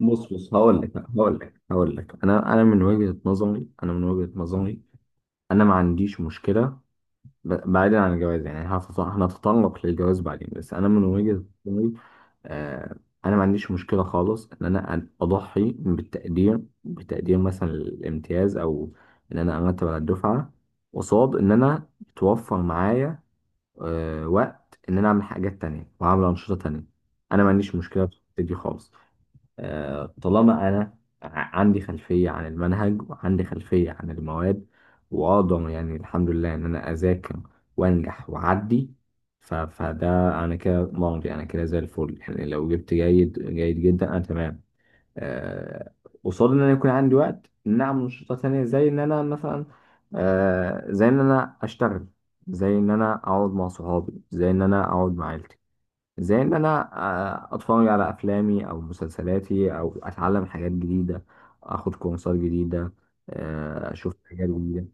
بص، هقول لك انا من وجهة نظري، انا ما عنديش مشكلة. بعيدا عن الجواز، يعني هنتطرق للجواز بعدين، بس انا من وجهة نظري. آه، انا ما عنديش مشكلة خالص ان انا اضحي بالتقدير، بتقدير مثلا الامتياز، او ان انا ارتب على الدفعة قصاد ان انا توفر معايا وقت ان انا اعمل حاجات تانية واعمل انشطة تانية. انا ما عنديش مشكلة في الحتة دي خالص. آه، طالما انا عندي خلفيه عن المنهج وعندي خلفيه عن المواد، واقدر يعني الحمد لله ان انا اذاكر وانجح واعدي. فده، انا كده مرضي، انا كده زي الفل. يعني لو جبت جيد، جيد جدا، انا تمام. آه، قصاد ان انا يكون عندي وقت إن اعمل نشاطات تانية، زي ان انا مثلا، آه، زي ان انا اشتغل، زي ان انا اقعد مع صحابي، زي ان انا اقعد مع عيلتي، زي ان انا، آه، اتفرج على افلامي او مسلسلاتي، او اتعلم حاجات جديده، اخد كورسات جديده، آه، اشوف حاجات جديده.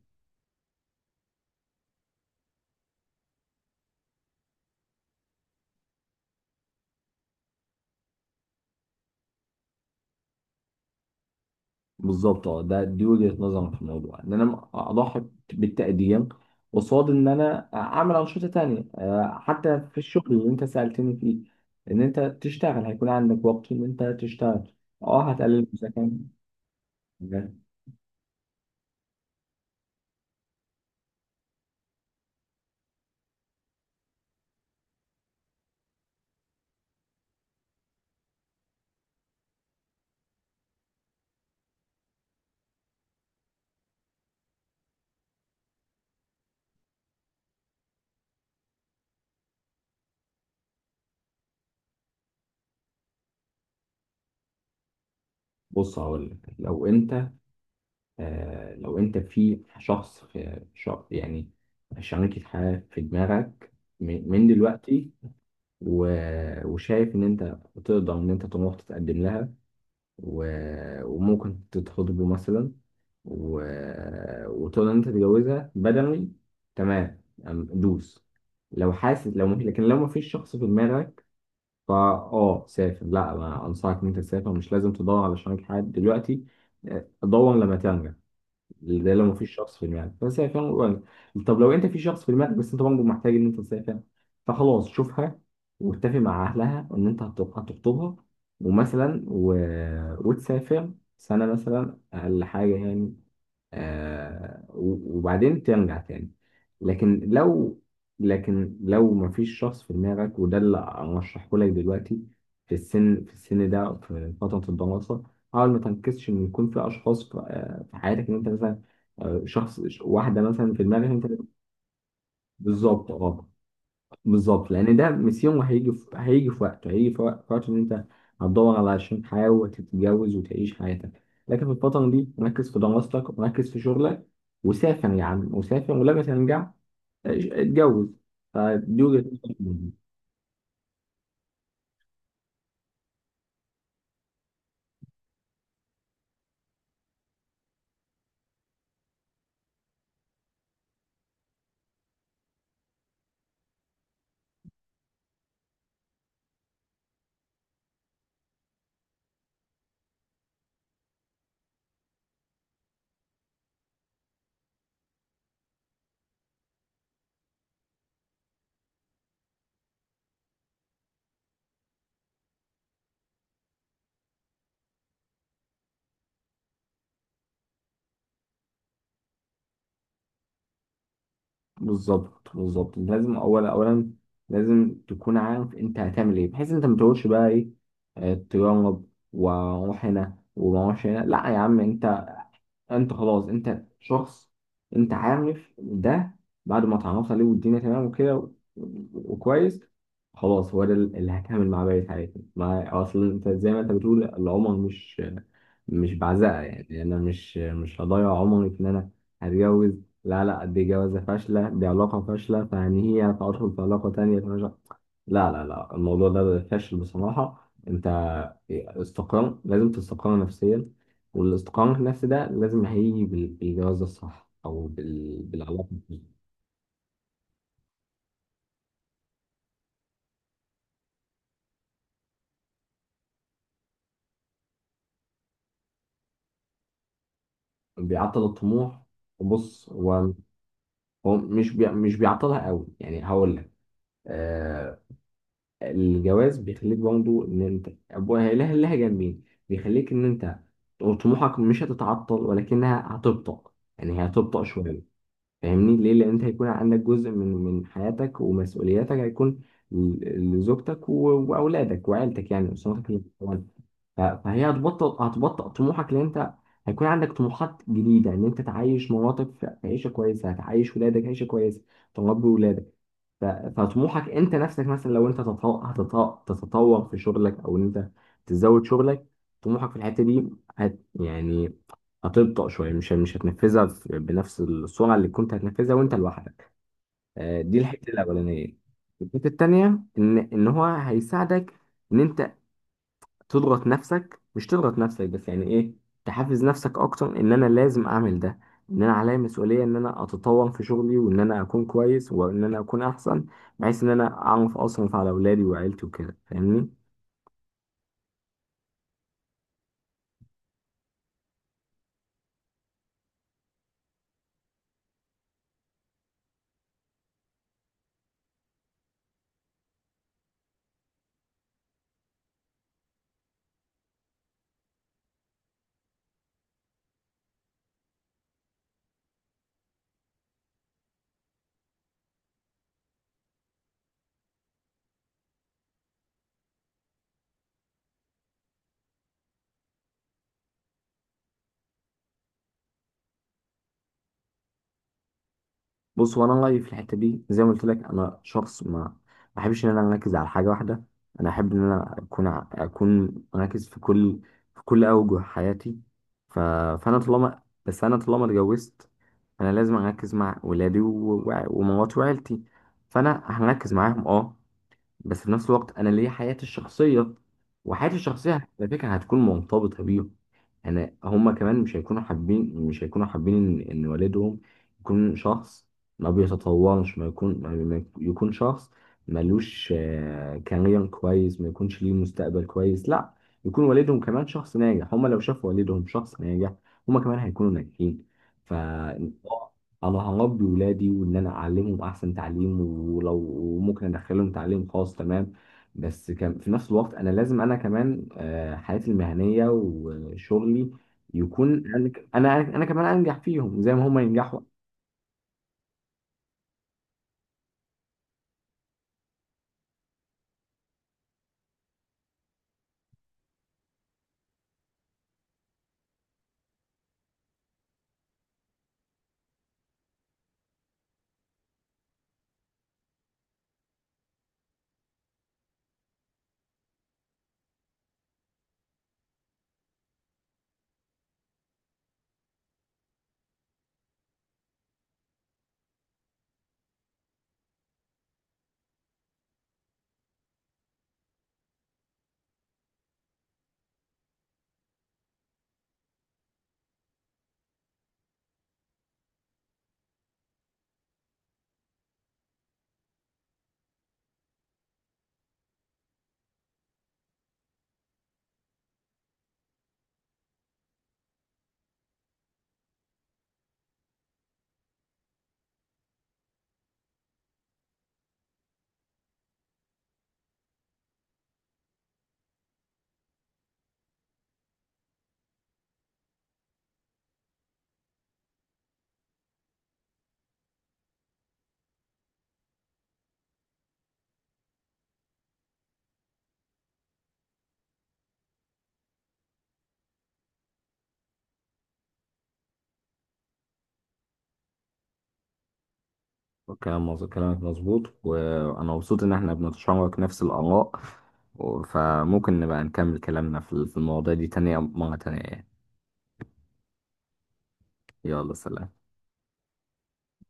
بالظبط، اه، دي وجهه نظري في الموضوع، ان انا اضحي بالتقدير قصاد ان انا اعمل انشطه تانية. آه، حتى في الشغل اللي انت سالتني فيه، ان انت تشتغل، هيكون عندك وقت ان انت تشتغل. اه، هتقلل من سكن. بص، هقول لك، لو انت، آه، لو انت في شخص، يعني شريكة حياة في دماغك من دلوقتي، وشايف ان انت تقدر ان انت تروح تتقدم لها، وممكن تتخطبوا مثلا، و... وتقدر ان انت تتجوزها بدني، تمام، دوس. لو حاسس، لو مفيش لكن لو مفيش شخص في دماغك، فا اه سافر، لا انا انصحك ان انت تسافر. مش لازم تدور على شريك حياة دلوقتي، آه، دور لما ترجع. ده لو مفيش شخص في دماغك، بس هي فعلا قريبة. طب لو انت في شخص في دماغك، بس انت برضه محتاج ان انت تسافر، فخلاص شوفها واتفق مع اهلها ان انت هتخطبها ومثلا و... وتسافر سنة مثلا اقل حاجة يعني. آه، وبعدين ترجع تاني. لكن لو لكن لو مفيش شخص في دماغك، وده اللي ارشحه لك دلوقتي. في السن ده، في فترة الدراسة، حاول ما تركزش ان يكون في اشخاص في، آه، في حياتك، ان انت مثلا، آه، شخص واحدة مثلا في دماغك انت. بالظبط، اه، بالظبط، لان ده ميسيون، هيجي في هيجي في وقته هيجي في وق- في وقت ان انت هتدور على عشان حياه وتتجوز وتعيش حياتك. لكن في الفتره دي، ركز في دراستك وركز في شغلك، وسافر يا عم، وسافر، ولما ترجع اتجوز. فدي وجهه نظري. بالظبط بالظبط، لازم اولا لازم تكون عارف انت هتعمل ايه، بحيث انت ما تقولش بقى ايه، آه، تجرب واروح هنا وما اروحش هنا. لا يا عم انت، انت خلاص، انت شخص انت عارف ده، بعد ما اتعرفت عليه، والدنيا تمام وكده وكويس، خلاص هو ده اللي هكمل مع بقية حياتي. مع اصل انت زي ما انت بتقول، العمر مش، مش بعزقه. يعني انا مش هضيع عمري في ان انا هتجوز. لا لا، دي جوازة فاشلة، دي علاقة فاشلة، فهنيها فادخل في علاقة تانية. لا لا لا، الموضوع ده فاشل بصراحة. انت استقرار، لازم تستقر نفسيا. والاستقرار النفسي ده لازم هيجي بالجواز الصح، او بالعلاقة دي. بيعطل الطموح؟ بص، هو، هو مش بيعطلها قوي يعني، هقول لك. آه، الجواز بيخليك برضه، ان انت أبوها لها جنبين، بيخليك ان انت طموحك مش هتتعطل، ولكنها هتبطأ، يعني هي هتبطأ شوية. فاهمني ليه؟ لان انت هيكون عندك جزء من حياتك، ومسؤولياتك هيكون لزوجتك واولادك وعيلتك، يعني اسرتك اللي طبعا، فهي هتبطئ طموحك، لان انت هيكون عندك طموحات جديده ان انت تعيش مراتك في عيشه كويسه، هتعيش ولادك عيشه كويسه، تربي ولادك. ف- فطموحك انت نفسك، مثلا لو انت تتطور في شغلك، او ان انت تزود شغلك، طموحك في الحته دي، يعني هتبطأ شويه، مش هتنفذها بنفس السرعه اللي كنت هتنفذها وانت لوحدك. آه، دي الحته الاولانيه. الحته التانيه ان هو هيساعدك ان انت تضغط نفسك، مش تضغط نفسك بس يعني ايه، تحفز نفسك اكتر ان انا لازم اعمل ده، ان انا عليا مسؤولية ان انا اتطور في شغلي، وان انا اكون كويس، وان انا اكون احسن، بحيث ان انا اعرف اصرف على اولادي وعيلتي وكده، فاهمني؟ بص، هو انا رايي في الحته دي زي ما قلت لك، انا شخص ما بحبش ان انا اركز على حاجه واحده. انا احب ان انا اكون اكون مركز في كل، في كل اوجه حياتي. ف... فانا طالما، بس انا طالما اتجوزت، انا لازم اركز مع ولادي و... و... ومراتي وعيلتي، فانا هركز معاهم اه. بس في نفس الوقت انا ليا حياتي الشخصيه، وحياتي الشخصيه على فكره هتكون مرتبطه بيهم. انا هما كمان مش هيكونوا حابين، ان إن والدهم يكون شخص ما بيتطورش، ما يكون، ما يكون شخص ملوش، آه، كارير كويس، ما يكونش ليه مستقبل كويس. لا، يكون والدهم كمان شخص ناجح. هما لو شافوا والدهم شخص ناجح، هما كمان هيكونوا ناجحين. ف انا هربي ولادي، وان انا اعلمهم احسن تعليم، ولو وممكن ادخلهم تعليم خاص تمام. بس كان في نفس الوقت، انا لازم انا كمان، آه، حياتي المهنيه وشغلي، يكون انا، انا كمان انجح فيهم زي ما هم ينجحوا. كلامك مظبوط، وانا مبسوط ان احنا بنتشارك نفس الاراء، فممكن نبقى نكمل كلامنا في المواضيع دي تانية، مرة تانية يعني. يلا، سلام.